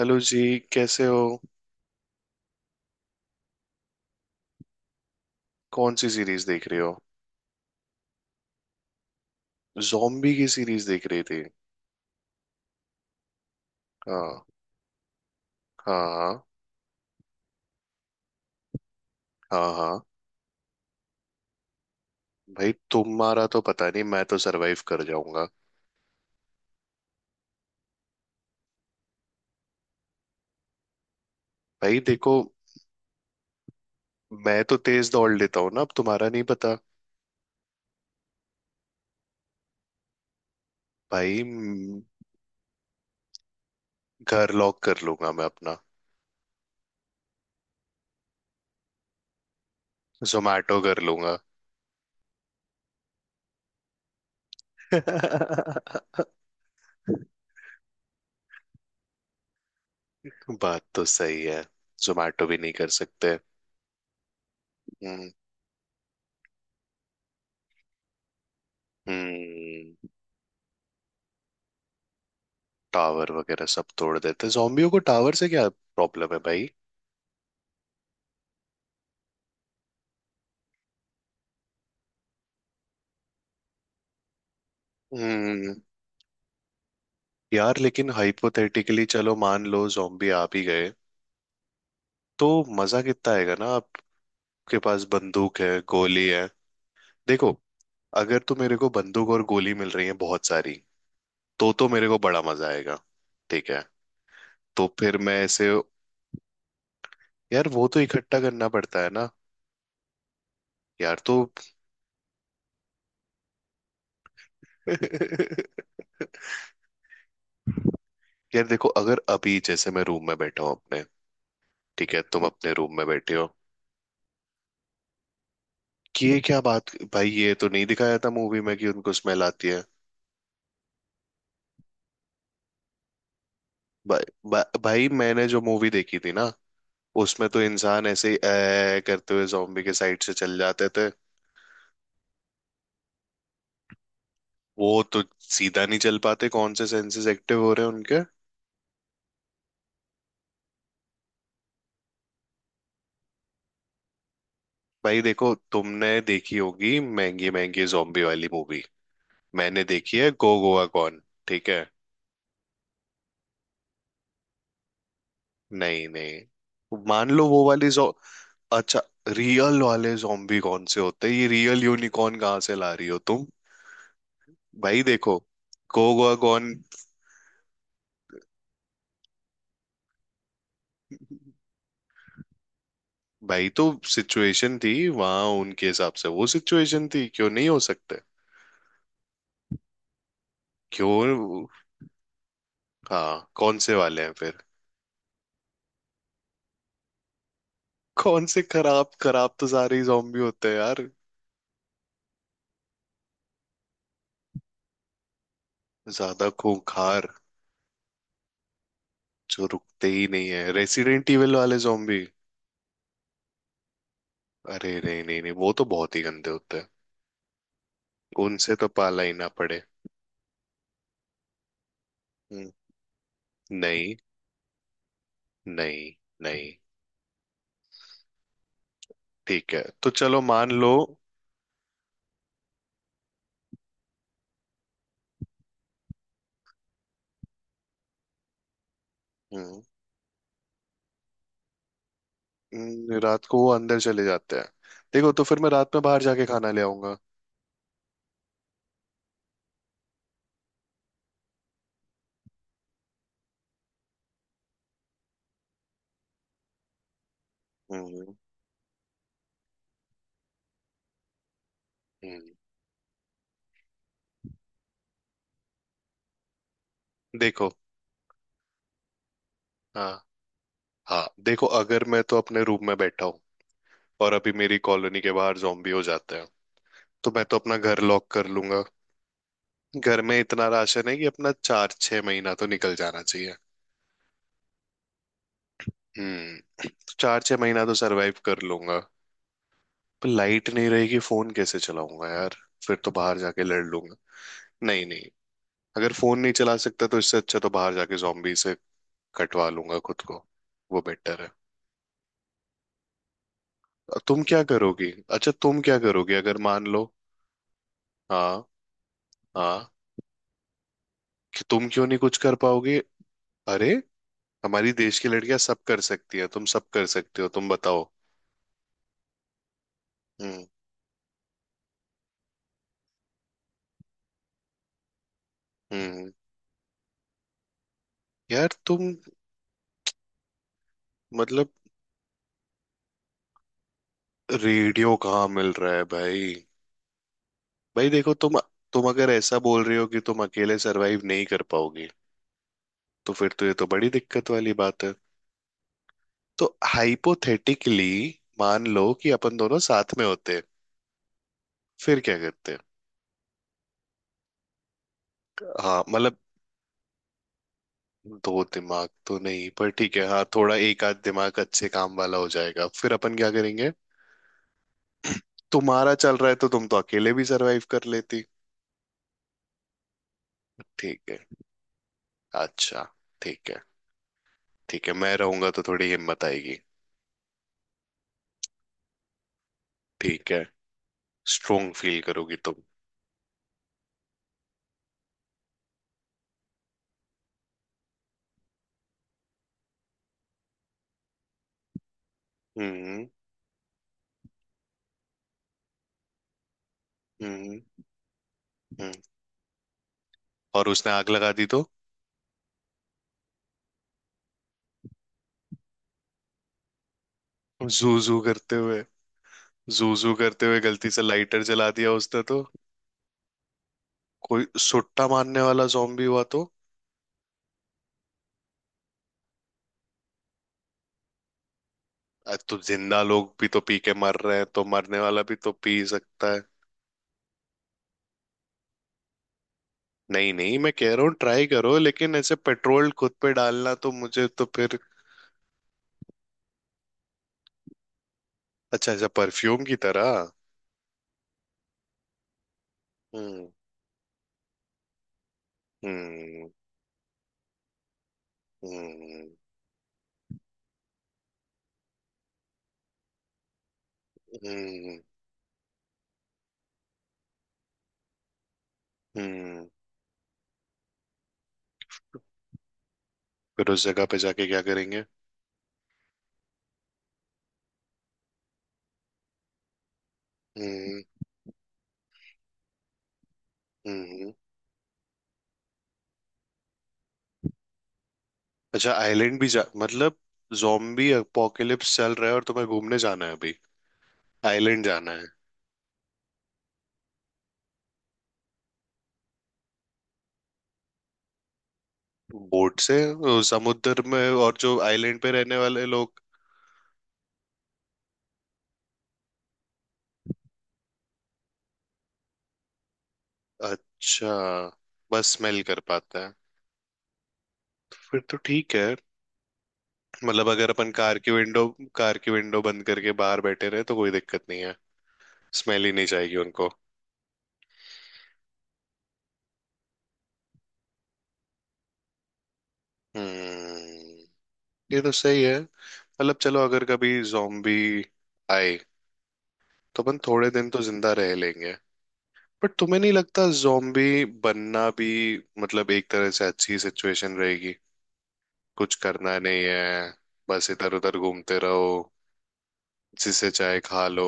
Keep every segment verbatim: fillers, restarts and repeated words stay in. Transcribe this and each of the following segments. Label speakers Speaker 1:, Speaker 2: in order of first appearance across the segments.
Speaker 1: Hello जी। कैसे हो? कौन सी सीरीज देख रहे हो? जॉम्बी की सीरीज देख रही थी? हाँ। हाँ हाँ। हाँ हाँ। भाई, तुम्हारा तो पता नहीं, मैं तो सरवाइव कर जाऊंगा। भाई देखो, मैं तो तेज दौड़ लेता हूँ ना। अब तुम्हारा नहीं पता। भाई म, घर लॉक कर लूंगा मैं अपना। जोमैटो कर लूंगा। बात तो सही है। जोमैटो भी नहीं कर सकते। हम्म। हम्म। टावर वगैरह सब तोड़ देते, जॉम्बियों को टावर से क्या प्रॉब्लम है भाई? हम्म। यार लेकिन हाइपोथेटिकली चलो, मान लो जोम्बी आ भी गए तो मजा कितना आएगा ना? आपके पास बंदूक है, गोली है। देखो, अगर तो मेरे को बंदूक और गोली मिल रही है बहुत सारी तो तो मेरे को बड़ा मजा आएगा। ठीक है। तो फिर मैं ऐसे। यार वो तो इकट्ठा करना पड़ता है ना। यार तो। यार देखो, अगर अभी जैसे मैं रूम में बैठा हूँ अपने, ठीक है, तुम अपने रूम में बैठे हो। कि ये क्या बात भाई, ये तो नहीं दिखाया था मूवी में कि उनको स्मेल आती है। भा, भा, भाई मैंने जो मूवी देखी थी ना, उसमें तो इंसान ऐसे ही "ऐ" करते हुए जॉम्बी के साइड से चल जाते थे। वो तो सीधा नहीं चल पाते, कौन से सेंसेस एक्टिव हो रहे हैं उनके? भाई देखो, तुमने देखी होगी महंगी महंगी जॉम्बी वाली मूवी। मैंने देखी है गो गोवा कौन। ठीक है। नहीं नहीं मान लो वो वाली जो। अच्छा, रियल वाले जॉम्बी कौन से होते हैं? ये रियल यूनिकॉर्न कहाँ से ला रही हो तुम? भाई देखो, गो गोवा कौन। भाई तो सिचुएशन थी वहां, उनके हिसाब से वो सिचुएशन थी, क्यों नहीं हो सकते? क्यों? हाँ कौन से वाले हैं फिर? कौन से खराब? खराब तो सारे ही zombie होते हैं यार। ज्यादा खूंखार? जो रुकते ही नहीं है, रेसिडेंट इविल वाले zombie। अरे नहीं नहीं नहीं, वो तो बहुत ही गंदे होते हैं। उनसे तो पाला ही ना पड़े। हम्म, नहीं। नहीं। नहीं ठीक है, तो चलो मान लो। हम्म। हम्म, रात को वो अंदर चले जाते हैं। देखो, तो फिर मैं रात में बाहर जाके खाना ले आऊंगा। हम्म। हम्म। देखो। हाँ हाँ देखो, अगर मैं तो अपने रूम में बैठा हूँ और अभी मेरी कॉलोनी के बाहर जॉम्बी हो जाते हैं, तो मैं तो अपना घर लॉक कर लूंगा। घर में इतना राशन है कि अपना चार छह महीना तो निकल जाना चाहिए। हम्म। चार छह महीना तो सरवाइव कर लूंगा। पर लाइट नहीं रहेगी, फोन कैसे चलाऊंगा यार? फिर तो बाहर जाके लड़ लूंगा। नहीं नहीं, अगर फोन नहीं चला सकता तो इससे अच्छा तो बाहर जाके जॉम्बी से कटवा लूंगा खुद को। वो बेटर है। तुम क्या करोगी? अच्छा, तुम क्या करोगी अगर मान लो? हाँ हाँ। कि तुम क्यों नहीं कुछ कर पाओगे? अरे, हमारी देश की लड़कियां सब कर सकती है, तुम सब कर सकते हो, तुम बताओ। हम्म। हम्म। यार तुम। मतलब, रेडियो कहाँ मिल रहा है भाई? भाई देखो, तुम। तुम अगर ऐसा बोल रही हो कि तुम अकेले सरवाइव नहीं कर पाओगे, तो फिर तो ये तो बड़ी दिक्कत वाली बात है। तो हाइपोथेटिकली मान लो कि अपन दोनों साथ में होते, फिर क्या करते? हाँ मतलब, दो दिमाग तो नहीं, पर ठीक है, हाँ थोड़ा एक आध दिमाग अच्छे काम वाला हो जाएगा। फिर अपन क्या करेंगे? तुम्हारा चल रहा है तो तुम तो अकेले भी सरवाइव कर लेती। ठीक है। अच्छा। ठीक है, ठीक है, मैं रहूंगा तो थोड़ी हिम्मत आएगी। ठीक है। स्ट्रोंग फील करोगी तुम। हम्म। हम्म। हम्म। और उसने आग लगा दी तो? जू जू करते हुए? जू जू करते हुए गलती से लाइटर जला दिया उसने तो? कोई सुट्टा मारने वाला जॉम्बी हुआ तो? आज तो जिंदा लोग भी तो पी के मर रहे हैं, तो मरने वाला भी तो पी सकता है। नहीं नहीं, मैं कह रहा हूँ ट्राई करो, लेकिन ऐसे पेट्रोल खुद पे डालना तो मुझे तो फिर। अच्छा, ऐसा परफ्यूम की तरह। हम्म। हम्म। हम्म। हम्म। हम्म। फिर उस जगह पे जाके क्या करेंगे? हम्म। हम्म। अच्छा, आइलैंड भी जा मतलब? Zombie apocalypse चल रहा है और तुम्हें घूमने जाना है अभी? आइलैंड जाना है? बोट से अ, समुद्र में, और जो आइलैंड पे रहने वाले लोग। अच्छा, बस स्मेल कर पाता है? फिर तो ठीक है। मतलब अगर अपन कार की विंडो। कार की विंडो बंद करके बाहर बैठे रहे तो कोई दिक्कत नहीं है। स्मेल ही नहीं जाएगी उनको। हम्म। ये तो सही है। मतलब चलो, अगर कभी zombie आए तो अपन थोड़े दिन तो जिंदा रह लेंगे। बट तुम्हें नहीं लगता zombie बनना भी, मतलब एक तरह से अच्छी सिचुएशन रहेगी? कुछ करना नहीं है, बस इधर उधर घूमते रहो, जिसे चाहे खा लो।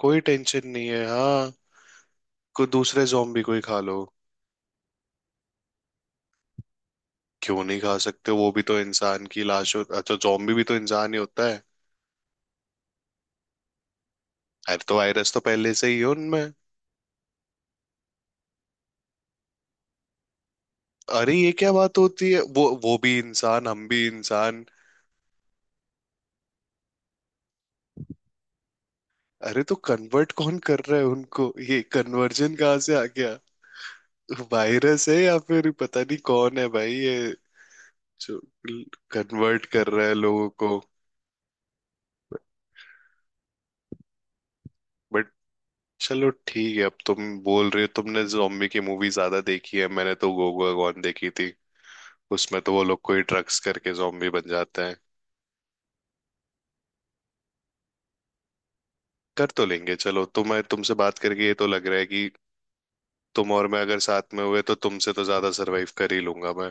Speaker 1: कोई टेंशन नहीं है हाँ। कोई दूसरे zombie को ही खा लो। क्यों नहीं खा सकते? वो भी तो इंसान की लाश हो, अच्छा zombie भी तो इंसान ही होता है। अरे तो वायरस तो पहले से ही है उनमें। अरे ये क्या बात होती है? वो वो भी इंसान, हम भी इंसान। अरे तो कन्वर्ट कौन कर रहा है उनको? ये कन्वर्जन कहाँ से आ गया? वायरस है या फिर पता नहीं कौन है भाई ये, जो कन्वर्ट कर रहा है लोगों को। चलो ठीक है, अब तुम बोल रहे हो तुमने जॉम्बी की मूवी ज्यादा देखी है, मैंने तो गोगो गॉन देखी थी। उसमें तो वो लोग कोई ड्रग्स करके जॉम्बी बन जाते हैं। कर तो लेंगे चलो, तुम्हें तुमसे बात करके ये तो लग रहा है कि तुम और मैं अगर साथ में हुए तो तुमसे तो ज्यादा सरवाइव कर ही लूंगा मैं।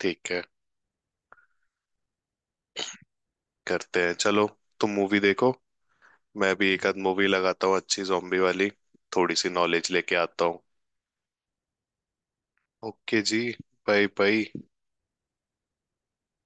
Speaker 1: ठीक है। करते हैं चलो। तुम मूवी देखो, मैं भी एक आध मूवी लगाता हूँ अच्छी जॉम्बी वाली। थोड़ी सी नॉलेज लेके आता हूँ। ओके जी। Bye bye.